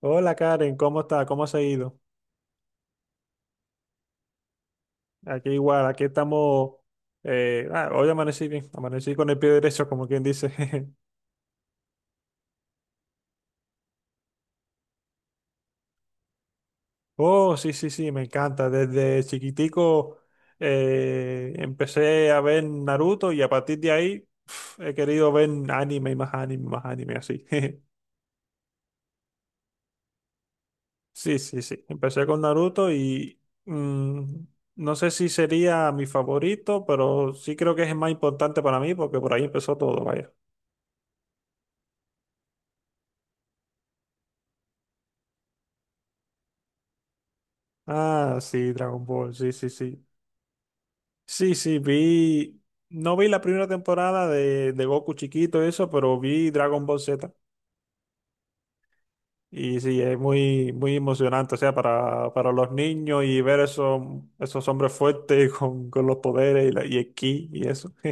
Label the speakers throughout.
Speaker 1: Hola Karen, ¿cómo está? ¿Cómo se ha ido? Aquí igual, aquí estamos. Hoy amanecí bien, amanecí con el pie derecho, como quien dice. Oh, sí, sí, sí, me encanta. Desde chiquitico empecé a ver Naruto y a partir de ahí he querido ver anime y más anime, así. Sí, sí, sí. Empecé con Naruto y no sé si sería mi favorito, pero sí creo que es el más importante para mí porque por ahí empezó todo. Ah, sí, Dragon Ball, sí, sí, sí. Sí, sí, vi. No vi la primera temporada de Goku chiquito, eso, pero vi Dragon Ball Z. Y sí, es muy, muy emocionante, o sea, para los niños y ver esos, esos hombres fuertes con los poderes y, la, y el ki y eso.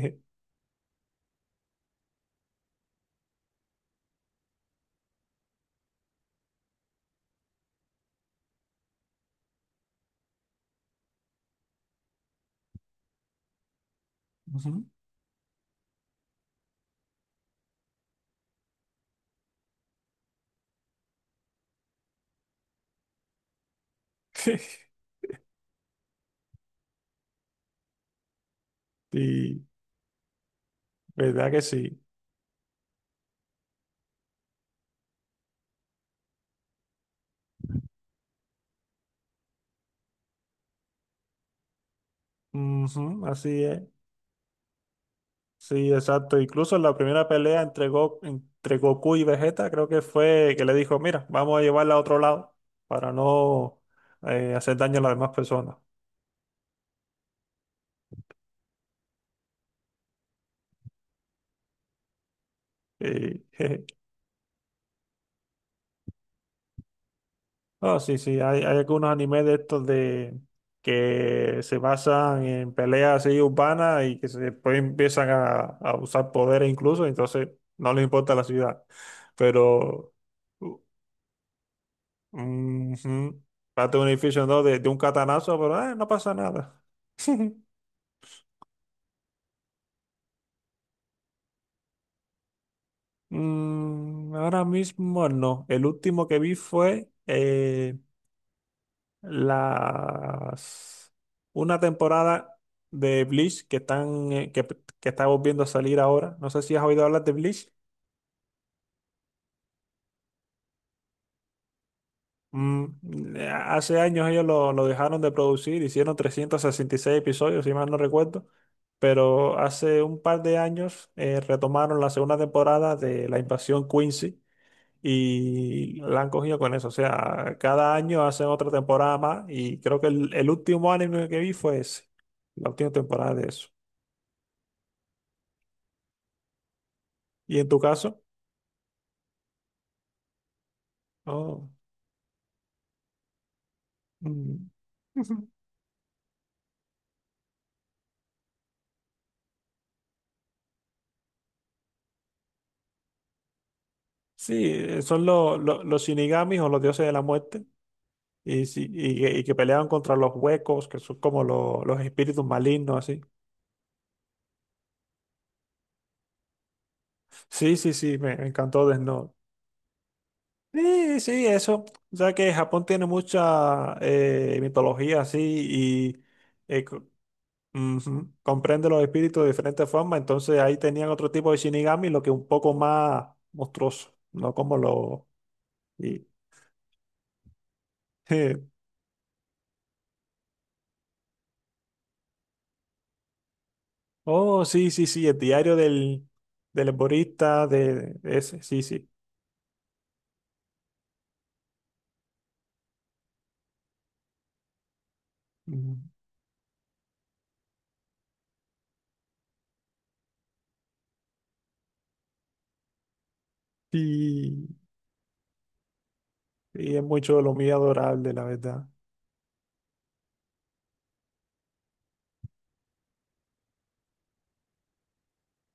Speaker 1: Ujú. Sí, verdad que sí. Ujú, así es. Sí, exacto. Incluso en la primera pelea entre, entre Goku y Vegeta, creo que fue que le dijo, mira, vamos a llevarla a otro lado para no hacer daño a las demás personas. Y, jeje. No, sí, sí, hay algunos animes de estos de que se basan en peleas así urbanas y que después empiezan a usar poderes incluso, entonces no les importa la ciudad. Pero ujú. Date un edificio en dos de un catanazo, pero no pasa nada. Mm, ahora mismo no. El último que vi fue las una temporada de Bleach que están que está volviendo a salir ahora. No sé si has oído hablar de Bleach. Hace años ellos lo dejaron de producir, hicieron 366 episodios, si mal no recuerdo, pero hace un par de años retomaron la segunda temporada de La Invasión Quincy y la han cogido con eso. O sea, cada año hacen otra temporada más y creo que el último anime que vi fue ese, la última temporada de eso. ¿Y en tu caso? Oh, mm. Sí, son los Shinigamis o los dioses de la muerte. Y, sí, y, que peleaban contra los huecos, que son como los espíritus malignos, así. Sí, sí, sí, me encantó Death Note. Sí, sí, eso. O sea que Japón tiene mucha mitología así y eh, co- ujú, comprende los espíritus de diferentes formas. Entonces ahí tenían otro tipo de Shinigami, lo que un poco más monstruoso, no como lo... y- Oh, sí, sí, sí, el diario del, del herborista, de ese, sí, sí. Ujú. Sí. Y es mucho de lo muy adorable, la verdad.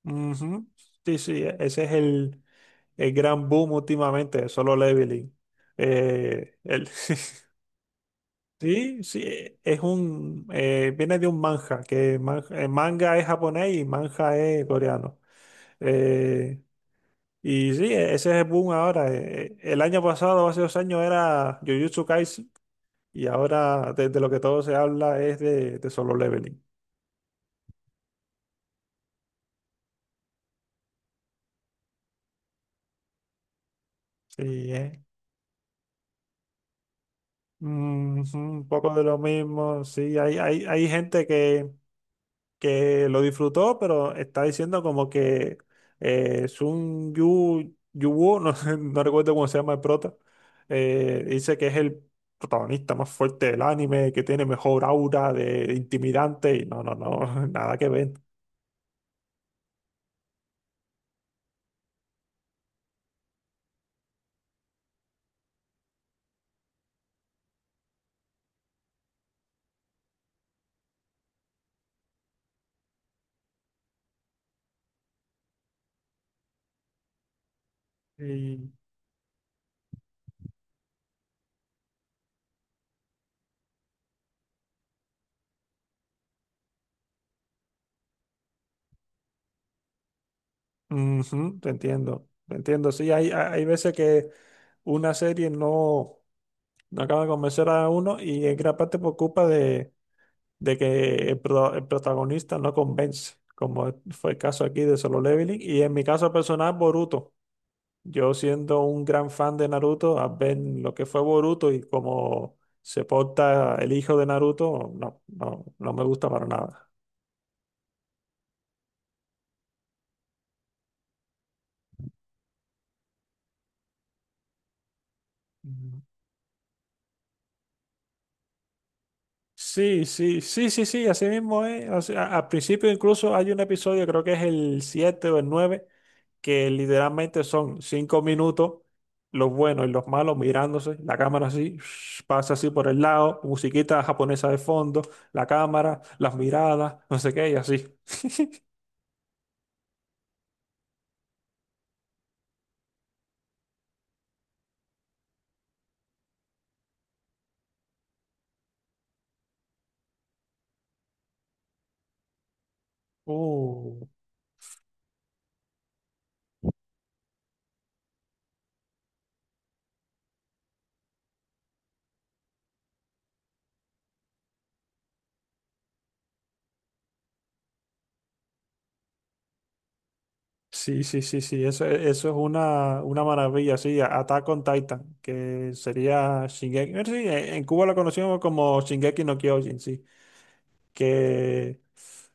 Speaker 1: Ujú. Sí, sí, ese es el gran boom últimamente, Solo Leveling. Eh, el, sí, sí, es un, viene de un manga, que manga es japonés y manga es coreano. Eh, y sí, ese es el boom ahora. El año pasado, hace dos años, era Jujutsu Kaisen, y ahora de lo que todo se habla es de Solo Leveling. Sí, mm, sí, un poco de lo mismo, sí, hay gente que lo disfrutó, pero está diciendo como que Sun Yu, Yu no, sé, no recuerdo cómo se llama el prota, dice que es el protagonista más fuerte del anime, que tiene mejor aura de intimidante, y no, no, no, nada que ver. Y, ujú, te entiendo, sí, hay, hay veces que una serie no, no acaba de convencer a uno y en gran parte por culpa de que el, el protagonista no convence, como fue el caso aquí de Solo Leveling. Y en mi caso personal, Boruto. Yo siendo un gran fan de Naruto, al ver lo que fue Boruto y cómo se porta el hijo de Naruto, no, no, no me gusta para nada. Mm. Sí, sí, sí, sí, sí, así mismo es. O sea, al principio incluso hay un episodio, creo que es el 7 o el 9 que literalmente son cinco minutos, los buenos y los malos mirándose, la cámara así, pasa así por el lado, musiquita japonesa de fondo, la cámara, las miradas, no sé qué, y así. Uh, sí, sí, sí, sí, eso es una maravilla, sí, Attack on Titan, que sería Shingeki, sí, en Cuba lo conocíamos como Shingeki no Kyojin, sí. Que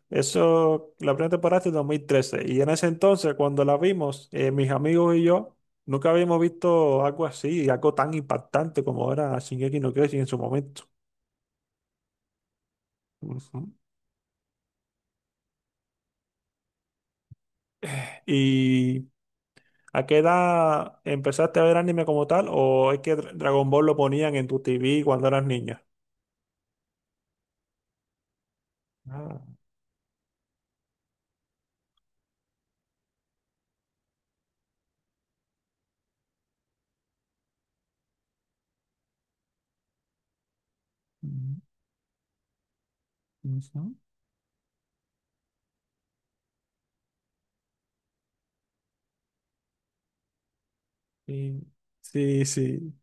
Speaker 1: eso, la primera temporada es de 2013 y en ese entonces cuando la vimos, mis amigos y yo nunca habíamos visto algo así, algo tan impactante como era Shingeki no Kyojin en su momento. Ujú. ¿Y a qué edad empezaste a ver anime como tal o es que Dragon Ball lo ponían en tu TV cuando eras niña? Ah, mm, ujú. Sí, sí, sí.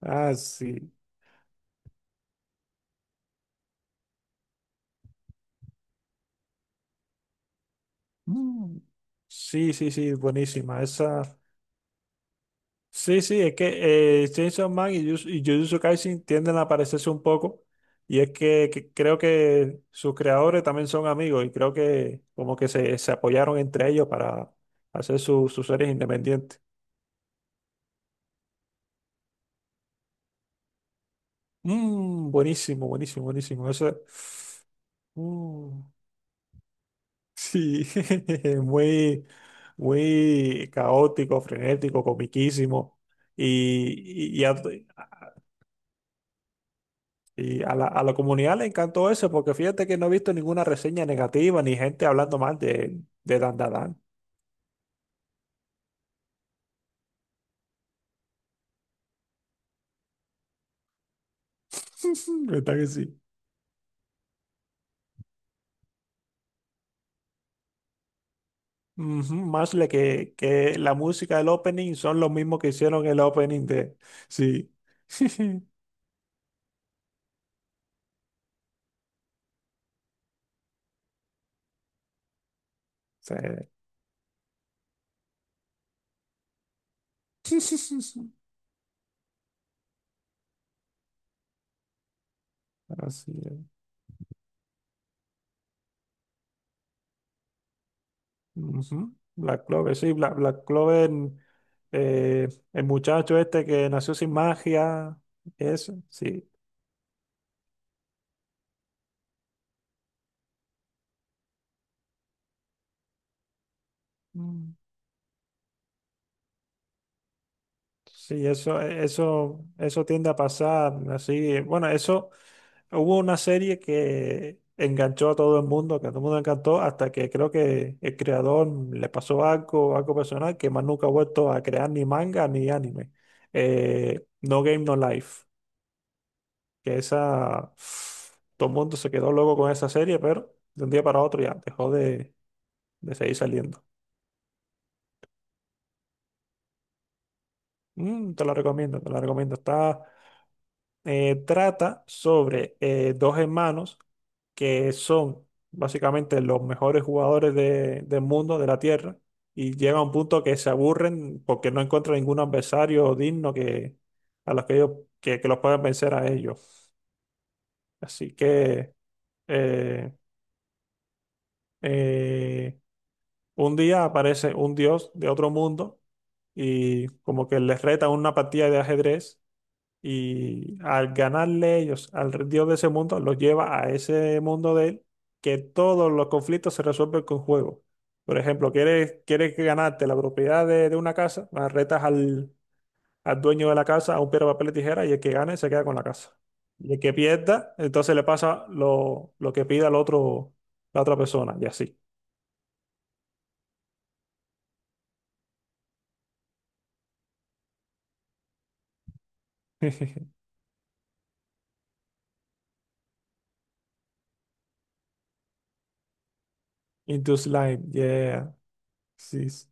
Speaker 1: Ah, sí. Mm. Sí, sí, sí, buenísima. Esa sí, sí, es que Chainsaw Man y Jujutsu Kaisen tienden a parecerse un poco. Y es que creo que sus creadores también son amigos y creo que como que se apoyaron entre ellos para hacer sus series independientes. Mm, buenísimo, buenísimo, buenísimo. Eso, mm, sí, muy, muy caótico, frenético, comiquísimo. Y a- y a la comunidad le encantó eso, porque fíjate que no he visto ninguna reseña negativa ni gente hablando mal de Dan Dan Dan. ¿Verdad que sí? Ujú, Más le que la música del opening son los mismos que hicieron el opening de. Sí. Sí. Así es. Ujú. Black Clover, sí, Black, Black Clover, eh, el muchacho este que nació sin magia, eso, sí. Sí, eso tiende a pasar así. Bueno, eso hubo una serie que enganchó a todo el mundo, que a todo el mundo le encantó, hasta que creo que el creador le pasó algo, algo personal, que más nunca ha vuelto a crear ni manga ni anime. No Game No Life, que esa, todo el mundo se quedó loco con esa serie, pero de un día para otro ya dejó de seguir saliendo. Mm, te la recomiendo, te la recomiendo. Está, trata sobre dos hermanos que son básicamente los mejores jugadores del mundo, de la Tierra, y llega a un punto que se aburren porque no encuentran ningún adversario digno que, a los que ellos que los puedan vencer a ellos. Así que eh, eh, un día aparece un dios de otro mundo y como que les reta una partida de ajedrez. Y al ganarle ellos al dios de ese mundo, los lleva a ese mundo de él, que todos los conflictos se resuelven con juego. Por ejemplo, quieres, quieres que ganarte la propiedad de una casa, ah, retas al, al dueño de la casa a un piedra, papel y tijera, y el que gane se queda con la casa. Y el que pierda, entonces le pasa lo que pida al otro, la otra persona, y así. Into slime, yeah. Sí, sí.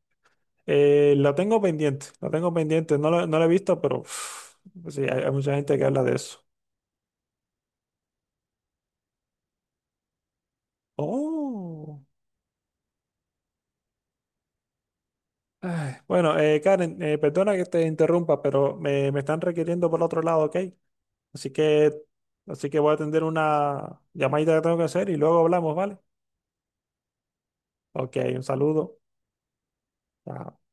Speaker 1: Lo tengo pendiente, lo tengo pendiente. No lo, no lo he visto, pero uf, pues sí, hay mucha gente que habla de eso. Oh. Ay, bueno, Karen, perdona que te interrumpa, pero me están requiriendo por otro lado, ¿ok? Así que, así que voy a atender una llamadita que tengo que hacer y luego hablamos, ¿vale? Ok, un saludo. Chao.